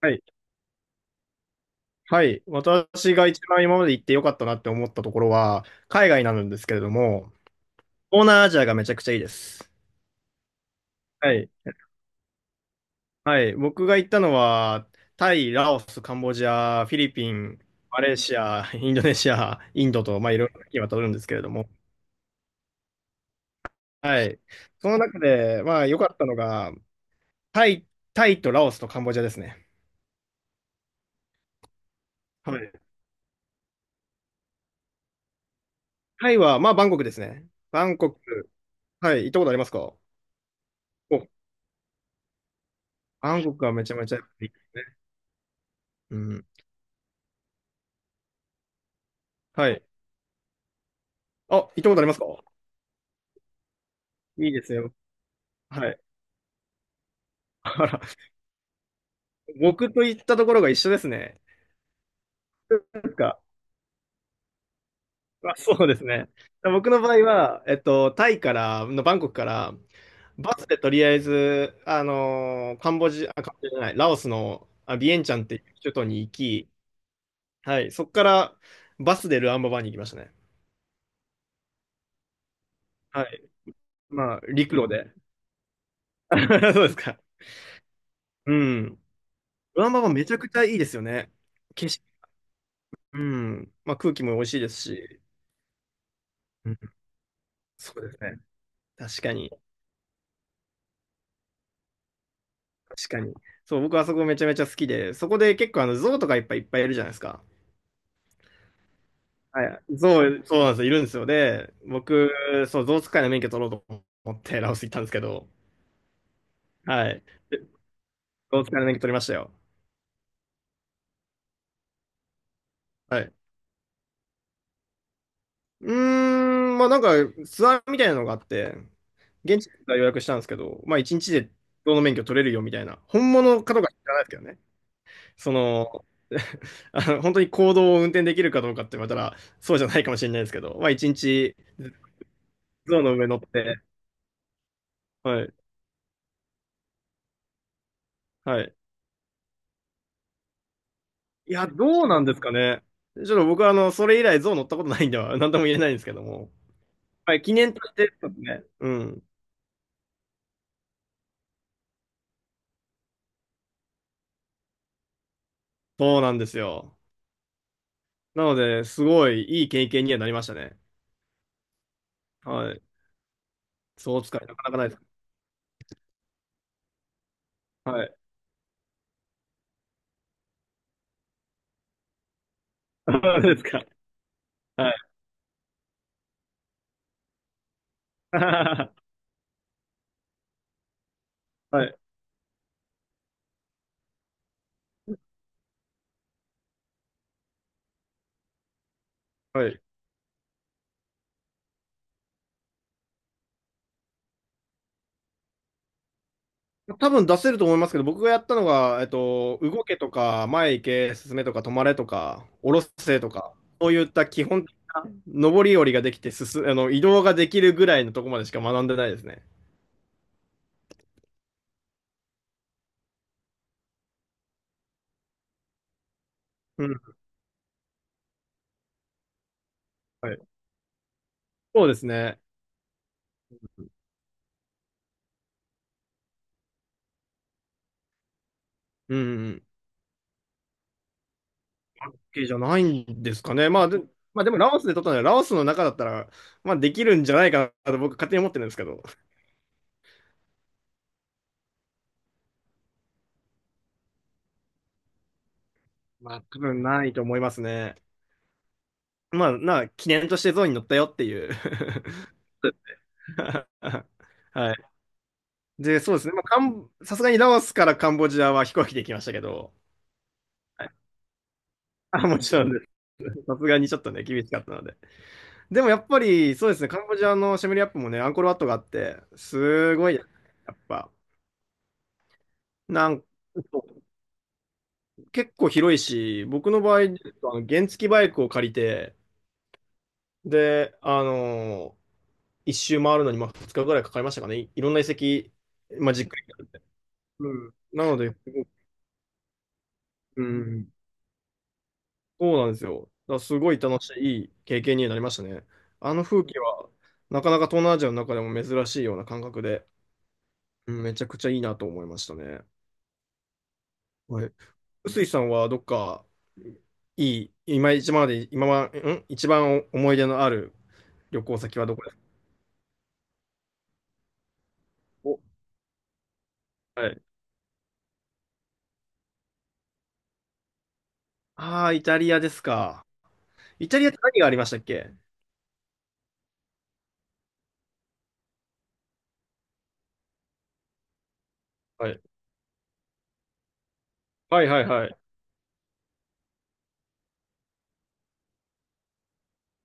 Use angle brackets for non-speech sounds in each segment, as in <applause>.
はい。はい。私が一番今まで行ってよかったなって思ったところは、海外なんですけれども、東南アジアがめちゃくちゃいいです。はい。はい。僕が行ったのは、タイ、ラオス、カンボジア、フィリピン、マレーシア、インドネシア、インドと、まあ、いろいろ今渡るんですけれども、はい。その中で、まあ、良かったのが、タイ、タイとラオスとカンボジアですね。はい。タイは、まあ、バンコクですね。バンコク、はい。行ったことありますか？お、バンコクはめちゃめちゃいいですね。うん。はい。あ、行ったことありますか？いいですよ。はい。<laughs> あら、僕と行ったところが一緒ですね。ですか。まあ、そうですね。僕の場合は、タイから、のバンコクから、バスでとりあえず、カンボジア、あカンボジアじゃない、ラオスのあビエンチャンっていう首都に行き、はい、そこからバスでルアンババに行きましたね。はい。まあ、陸路で。<laughs> そうですか。うん。ルアンババめちゃくちゃいいですよね。景色、うん。まあ、空気も美味しいですし。そうですね。確かに、確かに。そう、僕はそこめちゃめちゃ好きで、そこで結構あの、象とかいっぱいいっぱいいるじゃないですか。はい。象、そうなんですよ、いるんですよ。で、僕、そう、象使いの免許取ろうと思ってラオス行ったんですけど、はい。で象使いの免許取りましたよ。はい。うーまあなんか、ツアーみたいなのがあって、現地から予約したんですけど、まあ一日で象の免許取れるよみたいな、本物かどうか知らないですけどね。その、<laughs> あの本当に公道を運転できるかどうかって言われたら、そうじゃないかもしれないですけど、まあ一日、象の上乗って、はい、はい。いや、どうなんですかね。ちょっと僕はあの、それ以来象乗ったことないんでは、<laughs> なんとも言えないんですけども。はい、記念として、ですね。うん。そうなんですよ。なので、すごいいい経験にはなりましたね。はい。象使い、なかなかないです。はい。<laughs> そうですか。はい。<laughs> はい。はい。多分出せると思いますけど、僕がやったのが、動けとか、前行け、進めとか、止まれとか、下ろせとか、そういった基本的な上り下りができて進、あの、移動ができるぐらいのとこまでしか学んでないですね。うん。はい。そうですね。うんうん。OK じゃないんですかね。まあ、で、まあ、でもラオスで取ったので、ラオスの中だったら、まあ、できるんじゃないかなと僕勝手に思ってるんですけど。まあ、多分ないと思いますね。まあ、な、記念としてゾウに乗ったよっていう。<laughs> はい。で、そうですね。まあ、カンさすがにラオスからカンボジアは飛行機で行きましたけど、はいあ、もちろんです。さすがにちょっとね、厳しかったので。でもやっぱり、そうですね、カンボジアのシェムリアップもね、アンコールワットがあって、すごい、やっぱ、なん結構広いし、僕の場合、あの原付バイクを借りて、で、あのー一周回るのに、まあ、2日ぐらいかかりましたかね。い、いろんな遺跡、まあ、じっくりやって。うん。なので、うん、そうなんですよ。だからすごい楽しい、いい経験になりましたね。あの風景は、なかなか東南アジアの中でも珍しいような感覚で、うんめちゃくちゃいいなと思いましたね。はい。臼井さんはどっか、いい、今一番まで、今は、ん一番思い出のある旅行先はどこですか？お、はい。ああ、イタリアですか。イタリアって何がありましたっけ？はい。はいはいはい。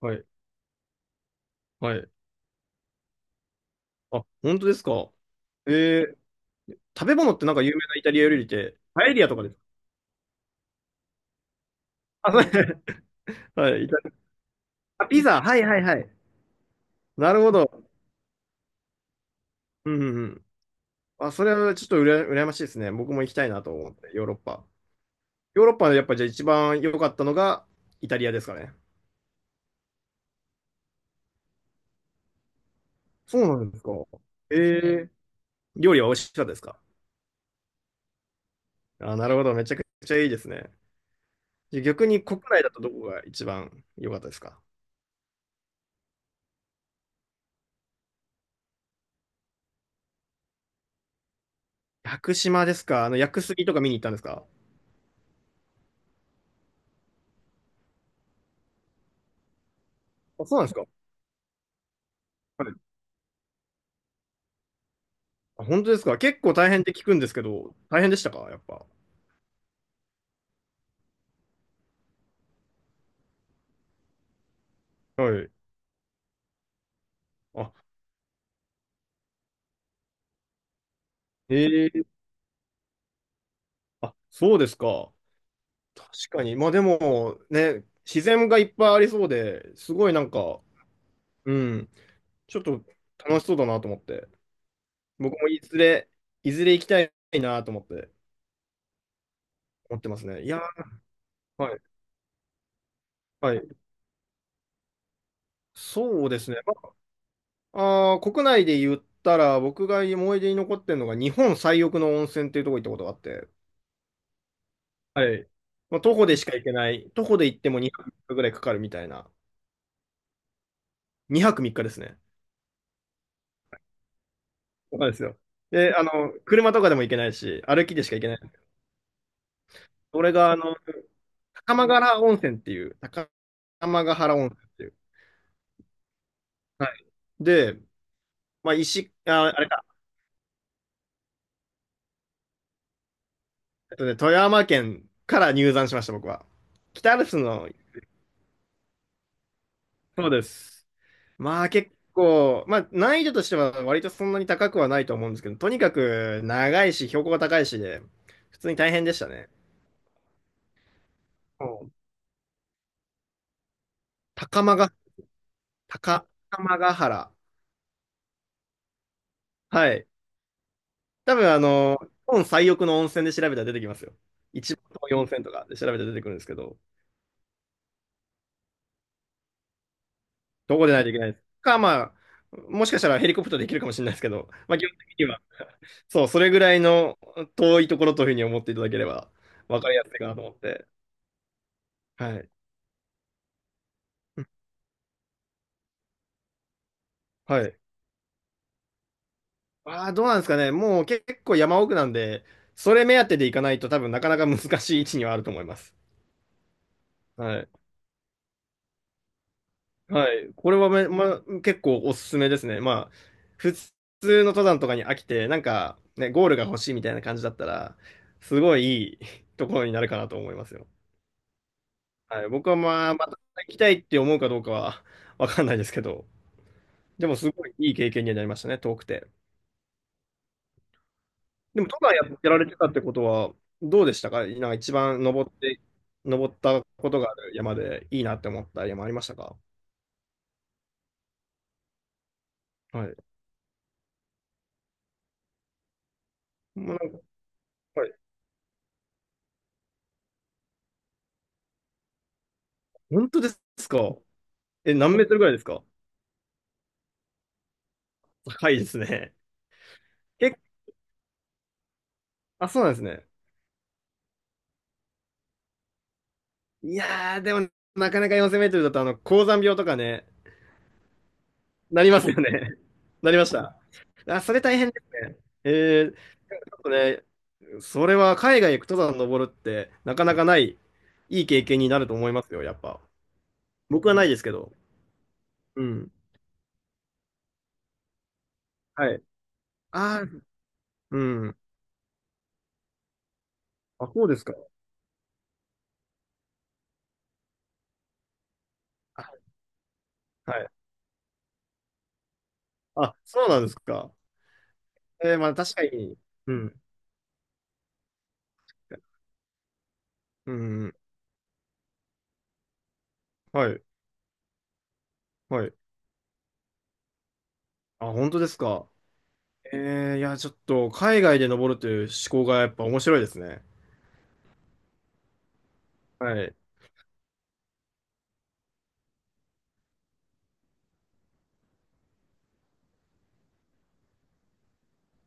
はい。はい。あ、本当ですか。えー、食べ物ってなんか有名なイタリア料理って、パエリアとかですか？あ、そうはい、イタリアあ、ピザ、はいはいはい。なるほど。うんうんうん。あ、それはちょっとうら羨ましいですね。僕も行きたいなと思って、ヨーロッパ。ヨーロッパでやっぱじゃあ一番良かったのがイタリアですかね。そうなんですか。えー、料理は美味しかったですか？あ、なるほど。めちゃくちゃいいですね。じゃあ逆に国内だとどこが一番良かったですか？屋久島ですか？あの、屋久杉とか見に行ったんですか？あ、そうなんですか。はい。あ、本当ですか？結構大変って聞くんですけど、大変でしたかやっぱ。はい。あ、ええ。あ、そうですか。確かに。まあでも、ね、自然がいっぱいありそうで、すごいなんか、うん、ちょっと楽しそうだなと思って。僕もいずれ、いずれ行きたいなと思って、思ってますね。いや、はい、はい。そうですね。まあ、あー国内で言ったら、僕が思い出に残ってるのが、日本最奥の温泉っていうとこ行ったことがあって、はい。まあ、徒歩でしか行けない、徒歩で行っても2泊3日ぐらいかかるみたいな、2泊3日ですね。そうなんですよ。で、あの、車とかでも行けないし、歩きでしか行けない。俺が、あの、高間原温泉っていう、高間ヶ原温泉っていう。はい。で、まあ、石、あ、あれか、富山県から入山しました、僕は。北アルプスの、そうです。まあ、結構、まあ、難易度としては割とそんなに高くはないと思うんですけど、とにかく長いし、標高が高いしで、普通に大変でしたね。うん高間が、高、高間ヶ原。はい。多分、あの、日本最奥の温泉で調べたら出てきますよ。一番遠い温泉とかで調べたら出てくるんですけど、どこでないといけないです。か、まあ、もしかしたらヘリコプターで行けるかもしれないですけど、まあ、基本的には、<laughs> そう、それぐらいの遠いところというふうに思っていただければ分かりやすいかなと思って。はい。うんはい。ああ、どうなんですかね。もう結構山奥なんで、それ目当てで行かないと多分なかなか難しい位置にはあると思います。はい。はい。これはめ、ま、結構おすすめですね。まあ、普通の登山とかに飽きて、なんか、ね、ゴールが欲しいみたいな感じだったら、すごいいいところになるかなと思いますよ。はい、僕はまあ、また行きたいって思うかどうかは <laughs> わかんないですけど、でもすごいいい経験にはなりましたね、遠くて。でも、登山やってられてたってことは、どうでしたかなんか一番登って、登ったことがある山でいいなって思った山ありましたか？はい。もうなんか、はい。本当ですか？え、何メートルぐらいですか？高いですね。結構、あ、そうなんですね。いやー、でも、なかなか4000メートルだと、あの、高山病とかね、なりますよね。<laughs> なりました。あ、それ大変ですね。えね、それは海外行く登山登るってなかなかない、いい経験になると思いますよ、やっぱ。僕はないですけど。うん。はい。ああ、うん。あ、そうですか。あはい。あ、そうなんですか。えー、まあ確かに。うん。うん。はい。はい。あ、本当ですか。えー、いや、ちょっと海外で登るという思考がやっぱ面白いですね。はい。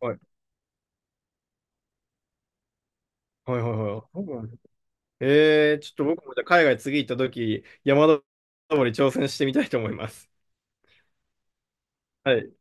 はい。はいはいはい。そうなんですね？えー、ちょっと僕もじゃあ海外次行った時、山登り挑戦してみたいと思います。はい